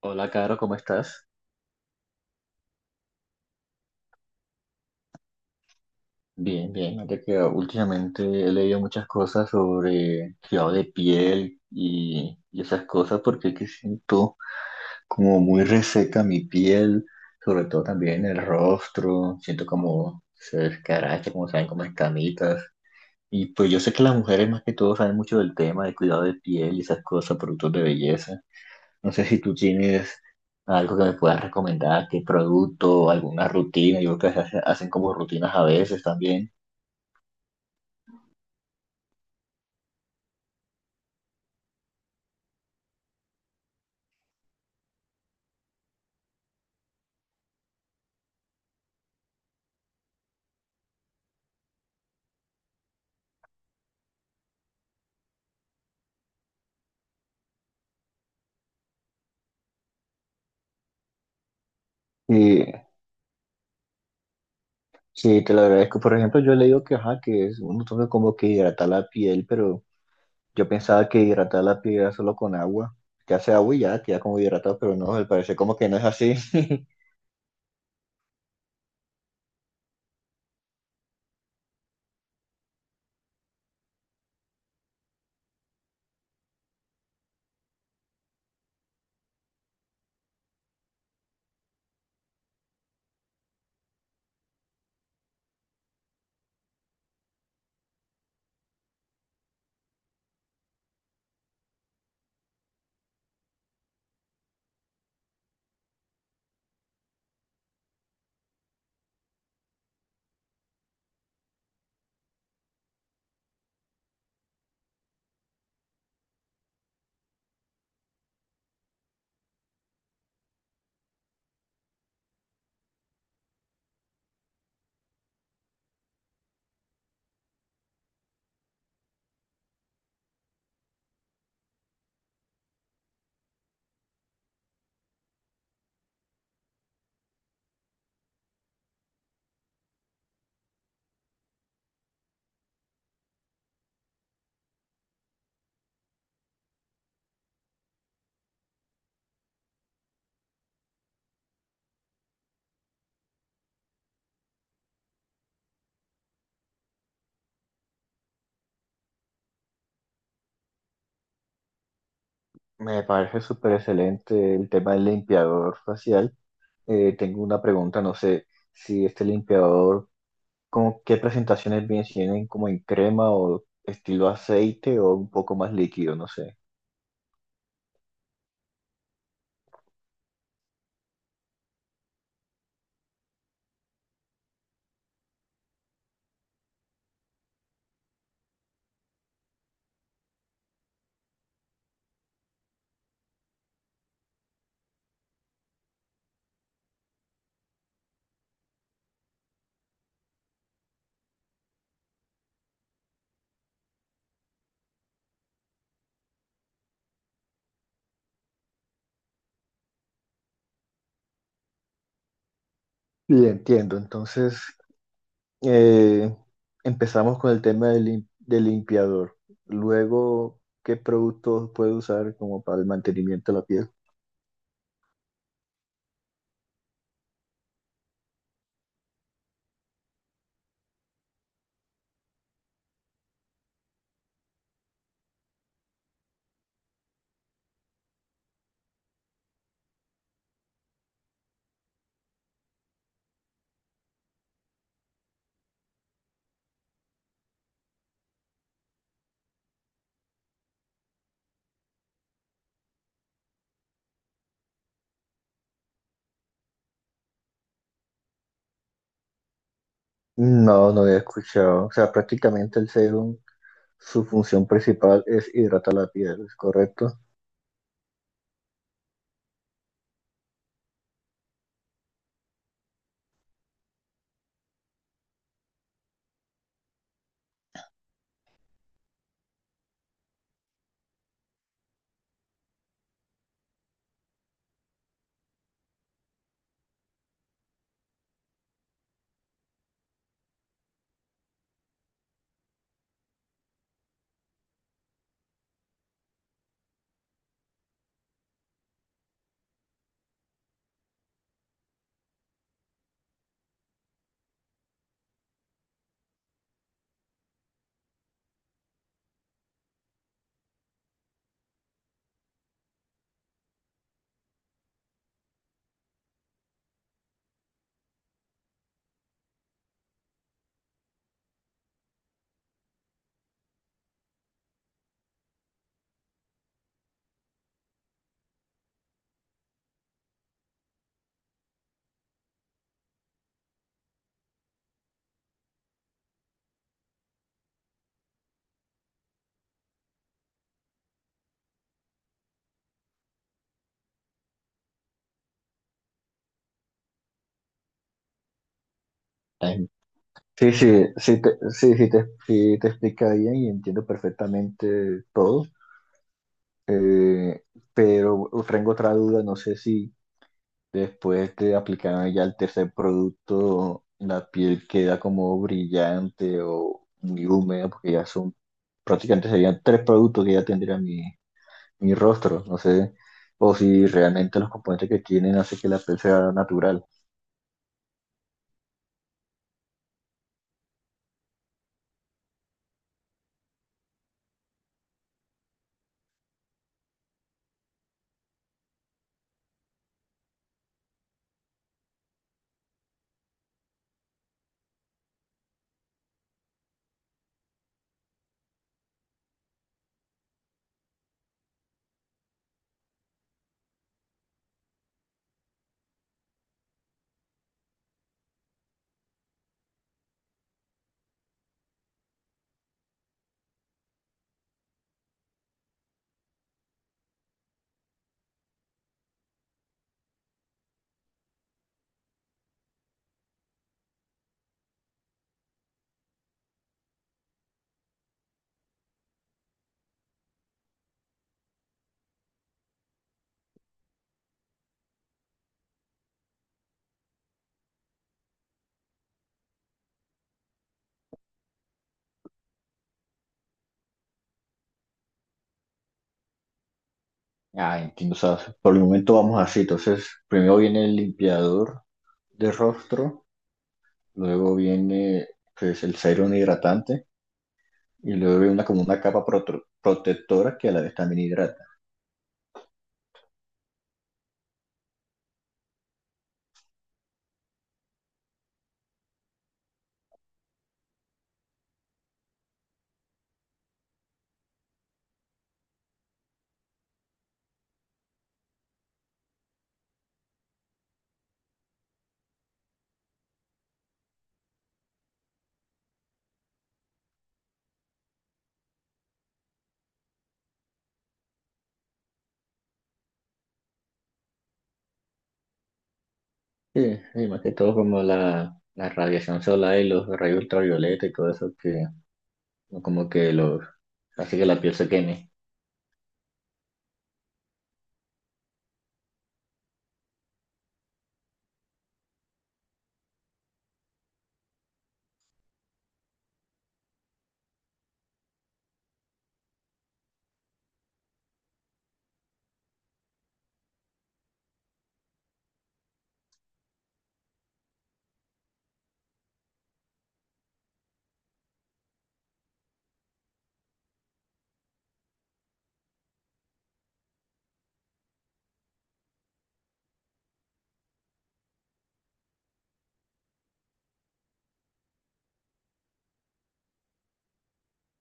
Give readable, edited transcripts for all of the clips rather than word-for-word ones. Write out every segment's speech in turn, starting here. Hola, Caro, ¿cómo estás? Bien, bien. Mira que últimamente he leído muchas cosas sobre cuidado de piel y esas cosas porque es que siento como muy reseca mi piel, sobre todo también el rostro. Siento como se descaracha, como saben, como escamitas. Y pues yo sé que las mujeres más que todo saben mucho del tema de cuidado de piel y esas cosas, productos de belleza. No sé si tú tienes algo que me puedas recomendar, qué producto, alguna rutina. Yo creo que hacen como rutinas a veces también. Sí, sí, te lo agradezco. Por ejemplo, yo he leído que, ajá, que es, uno toca como que hidratar la piel, pero yo pensaba que hidratar la piel era solo con agua. Que hace agua y ya queda como hidratado, pero no, me parece como que no es así. Me parece súper excelente el tema del limpiador facial. Tengo una pregunta, no sé si este limpiador, ¿cómo qué presentaciones? Si vienen como en crema o estilo aceite o un poco más líquido, no sé. Y entiendo, entonces eh, empezamos con el tema del limpiador. Luego, ¿qué productos puede usar como para el mantenimiento de la piel? No, no había escuchado. O sea, prácticamente el serum, su función principal es hidratar la piel, ¿es correcto? Ay. Sí, sí, sí te explica bien y entiendo perfectamente todo. Eh, pero tengo otra duda, no sé si después de aplicar ya el tercer producto, la piel queda como brillante o muy húmeda, porque ya son prácticamente serían tres productos que ya tendría mi rostro, no sé, o si realmente los componentes que tienen hace que la piel sea natural. Ah, entiendo, o sea, por el momento vamos así, entonces primero viene el limpiador de rostro, luego viene pues, el serum hidratante. Y luego hay una como una capa protectora que a la vez también hidrata. Sí, y más que todo como la radiación solar y los rayos ultravioleta y todo eso que como que los hace que la piel se queme.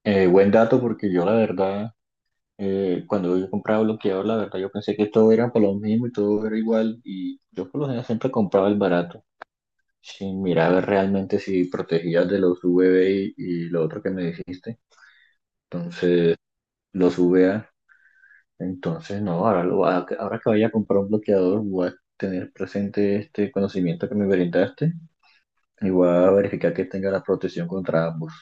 Buen dato porque yo la verdad, cuando yo compraba bloqueador, la verdad yo pensé que todo era por lo mismo y todo era igual y yo por lo general siempre compraba el barato sin mirar realmente si protegía de los UVB y lo otro que me dijiste. Entonces, los UVA. Entonces, no, ahora, ahora que vaya a comprar un bloqueador, voy a tener presente este conocimiento que me brindaste y voy a verificar que tenga la protección contra ambos.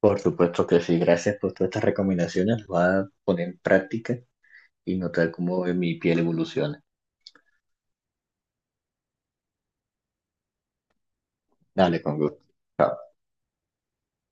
Por supuesto que sí, gracias por todas estas recomendaciones, las voy a poner en práctica y notar cómo mi piel evoluciona. Dale, con gusto.